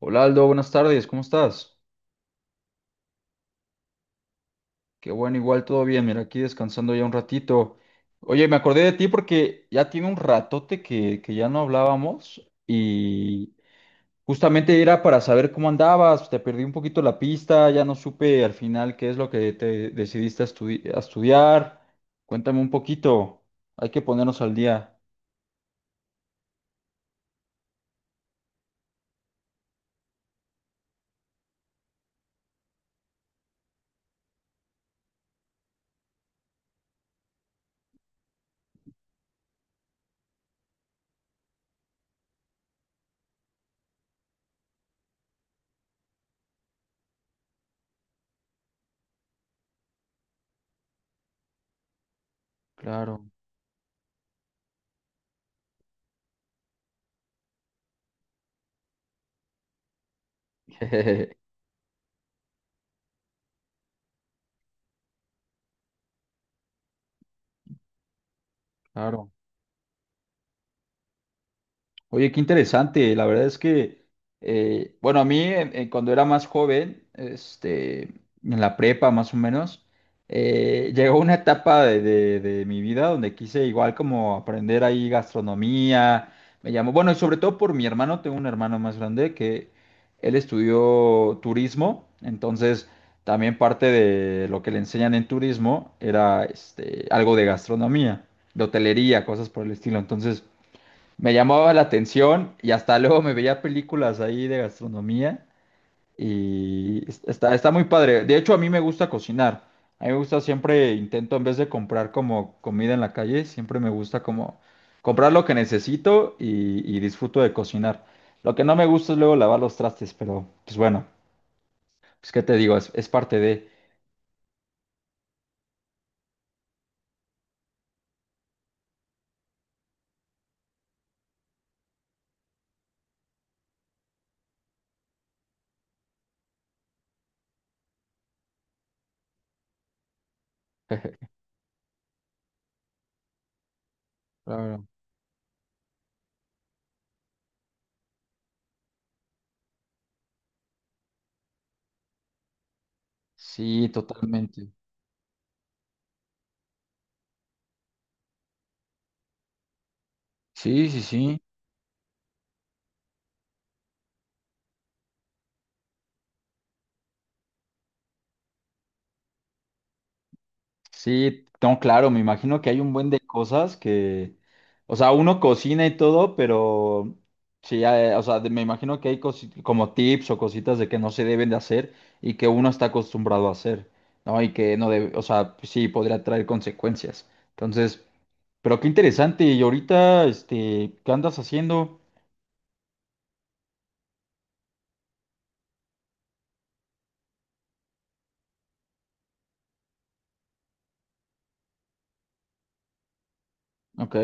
Hola Aldo, buenas tardes, ¿cómo estás? Qué bueno, igual todo bien, mira, aquí descansando ya un ratito. Oye, me acordé de ti porque ya tiene un ratote que ya no hablábamos y justamente era para saber cómo andabas, te perdí un poquito la pista, ya no supe al final qué es lo que te decidiste a, a estudiar. Cuéntame un poquito, hay que ponernos al día. Claro, claro. Oye, qué interesante. La verdad es que, bueno, a mí cuando era más joven, en la prepa más o menos, llegó una etapa de mi vida donde quise igual como aprender ahí gastronomía. Me llamó, bueno, y sobre todo por mi hermano, tengo un hermano más grande que él estudió turismo, entonces también parte de lo que le enseñan en turismo era algo de gastronomía, de hotelería, cosas por el estilo. Entonces… Me llamaba la atención y hasta luego me veía películas ahí de gastronomía está, está muy padre. De hecho, a mí me gusta cocinar. A mí me gusta siempre, intento en vez de comprar como comida en la calle, siempre me gusta como comprar lo que necesito y disfruto de cocinar. Lo que no me gusta es luego lavar los trastes, pero pues bueno, pues qué te digo, es parte de… Claro. Sí, totalmente. Sí, sí, sí. Sí, no, claro, me imagino que hay un buen de cosas que, o sea, uno cocina y todo, pero sí, o sea, me imagino que hay como tips o cositas de que no se deben de hacer y que uno está acostumbrado a hacer, ¿no? Y que no debe, o sea, pues sí, podría traer consecuencias. Entonces, pero qué interesante, y ahorita, ¿qué andas haciendo? Ok,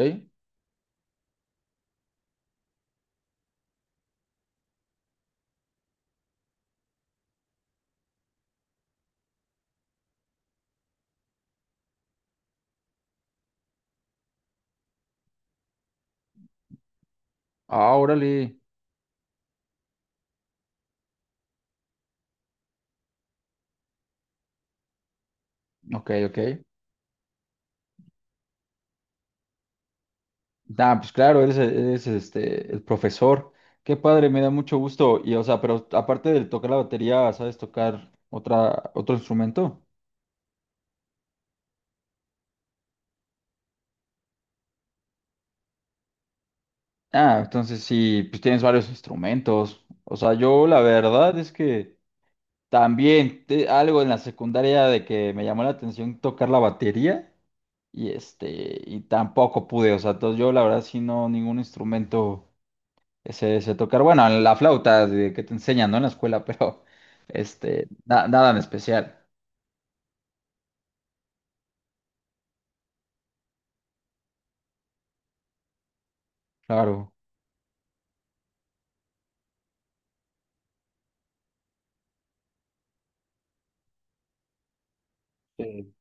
ah, órale, ok, ok. Ah, pues claro, eres, el profesor. Qué padre, me da mucho gusto. Y, o sea, pero aparte de tocar la batería, ¿sabes tocar otra, otro instrumento? Ah, entonces sí, pues tienes varios instrumentos. O sea, yo la verdad es que también algo en la secundaria de que me llamó la atención tocar la batería y y tampoco pude. O sea, entonces yo la verdad sí no, ningún instrumento. Ese, sé tocar, bueno, la flauta que te enseñan, ¿no? En la escuela, pero nada en especial, claro. Sí.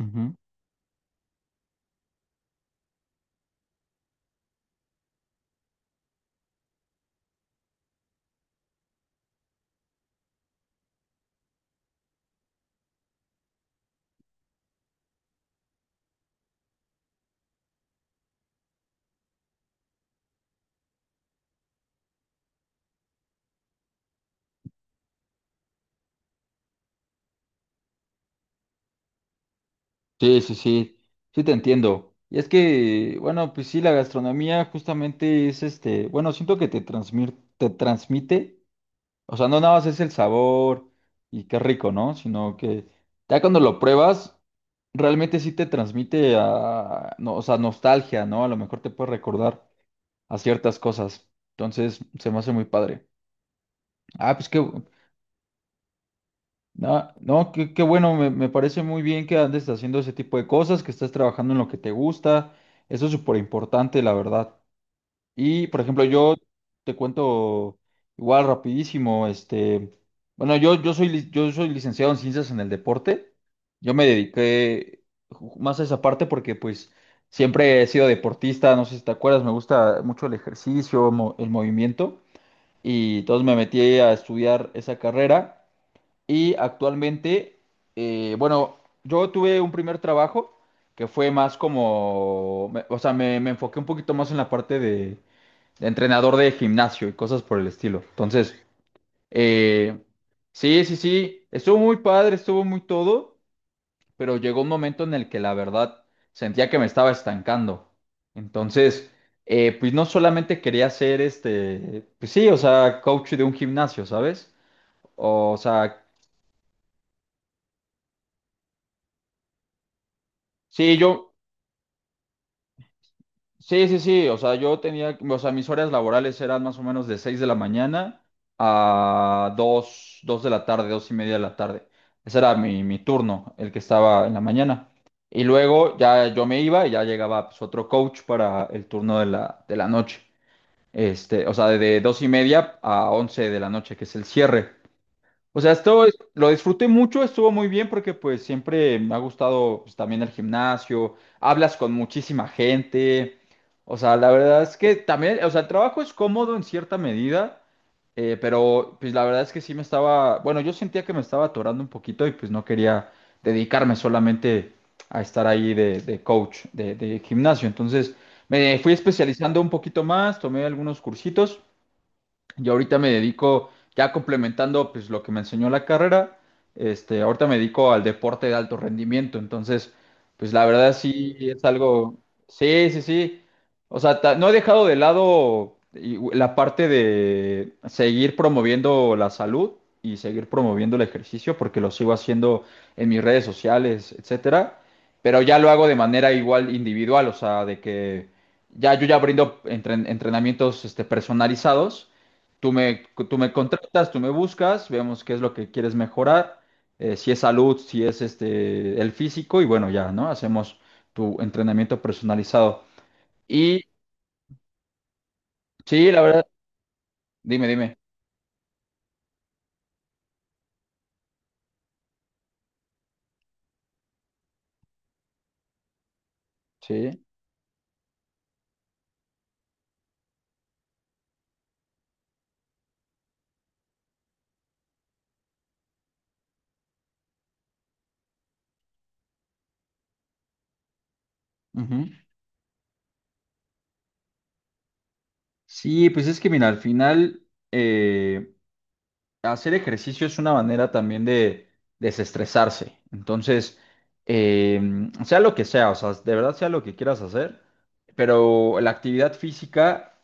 Ujú. Sí, sí, sí, sí te entiendo. Y es que, bueno, pues sí, la gastronomía justamente es bueno, siento que te te transmite, o sea, no nada más es el sabor y qué rico, ¿no? Sino que ya cuando lo pruebas, realmente sí te transmite a, no, o sea, nostalgia, ¿no? A lo mejor te puede recordar a ciertas cosas. Entonces, se me hace muy padre. Ah, pues qué, no, no, qué, qué bueno, me parece muy bien que andes haciendo ese tipo de cosas, que estés trabajando en lo que te gusta. Eso es súper importante, la verdad. Y, por ejemplo, yo te cuento igual rapidísimo, bueno, yo soy licenciado en ciencias en el deporte. Yo me dediqué más a esa parte porque, pues, siempre he sido deportista, no sé si te acuerdas, me gusta mucho el ejercicio, el movimiento. Y entonces me metí a estudiar esa carrera y actualmente, bueno, yo tuve un primer trabajo que fue más como, o sea, me enfoqué un poquito más en la parte de entrenador de gimnasio y cosas por el estilo. Entonces, eh, sí, sí, sí, estuvo muy padre, estuvo muy todo, pero llegó un momento en el que la verdad sentía que me estaba estancando. Entonces, pues no solamente quería ser pues sí, o sea, coach de un gimnasio, ¿sabes? O sea, sí, sí, sí, sí, o sea, yo tenía, o sea, mis horas laborales eran más o menos de 6 de la mañana a 2 de la tarde, dos y media de la tarde. Ese era mi turno, el que estaba en la mañana. Y luego ya yo me iba y ya llegaba pues, otro coach para el turno de de la noche. Este, o sea, de dos y media a 11 de la noche, que es el cierre. O sea, lo disfruté mucho, estuvo muy bien porque pues siempre me ha gustado pues, también el gimnasio, hablas con muchísima gente, o sea, la verdad es que también, o sea, el trabajo es cómodo en cierta medida, pero pues la verdad es que sí me estaba, bueno, yo sentía que me estaba atorando un poquito y pues no quería dedicarme solamente a estar ahí de coach de gimnasio, entonces me fui especializando un poquito más, tomé algunos cursitos. Yo ahorita me dedico, ya complementando pues lo que me enseñó la carrera, ahorita me dedico al deporte de alto rendimiento, entonces pues la verdad sí es algo, sí, sí, sí, o sea, no he dejado de lado la parte de seguir promoviendo la salud y seguir promoviendo el ejercicio porque lo sigo haciendo en mis redes sociales, etcétera, pero ya lo hago de manera igual individual, o sea, de que ya brindo entrenamientos personalizados. Tú me, tú me contratas, tú me buscas, vemos qué es lo que quieres mejorar, si es salud, si es el físico, y bueno, ya, ¿no? Hacemos tu entrenamiento personalizado. Y sí, la verdad, dime, dime. Sí. Ujú. Sí, pues es que mira, al final eh, hacer ejercicio es una manera también de desestresarse. Entonces, eh, sea lo que sea, o sea, de verdad sea lo que quieras hacer, pero la actividad física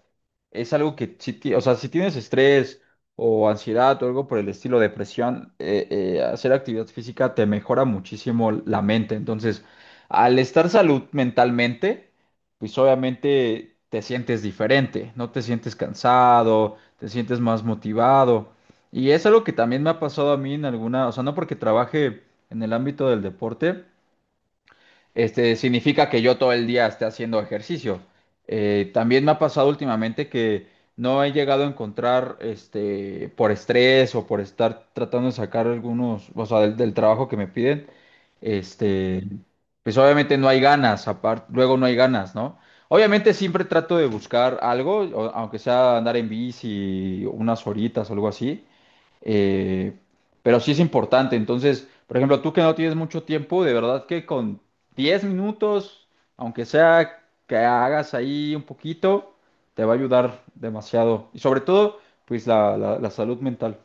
es algo que, si, o sea, si tienes estrés o ansiedad o algo por el estilo, depresión, hacer actividad física te mejora muchísimo la mente. Entonces, al estar salud mentalmente, pues obviamente te sientes diferente, no te sientes cansado, te sientes más motivado. Y es algo que también me ha pasado a mí en alguna, o sea, no porque trabaje en el ámbito del deporte, significa que yo todo el día esté haciendo ejercicio. También me ha pasado últimamente que no he llegado a encontrar, por estrés o por estar tratando de sacar algunos, o sea, del trabajo que me piden, este, pues obviamente no hay ganas, aparte, luego no hay ganas, ¿no? Obviamente siempre trato de buscar algo, aunque sea andar en bici unas horitas o algo así, eh, pero sí es importante. Entonces, por ejemplo, tú que no tienes mucho tiempo, de verdad que con 10 minutos, aunque sea que hagas ahí un poquito, te va a ayudar demasiado. Y sobre todo, pues la salud mental.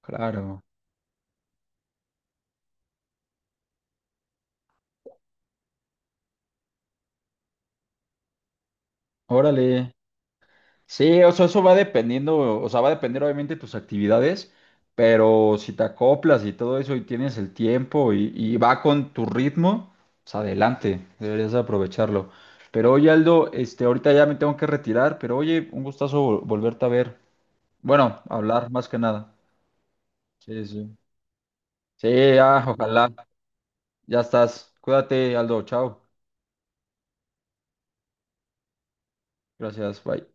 Claro. Órale. Sí, o sea, eso va dependiendo, o sea, va a depender obviamente de tus actividades, pero si te acoplas y todo eso y tienes el tiempo y va con tu ritmo, pues adelante, deberías aprovecharlo. Pero oye, Aldo, ahorita ya me tengo que retirar, pero oye, un gustazo volverte a ver. Bueno, hablar más que nada. Sí, sí. Sí, ah, ojalá. Ya estás. Cuídate, Aldo. Chao. Gracias. Bye.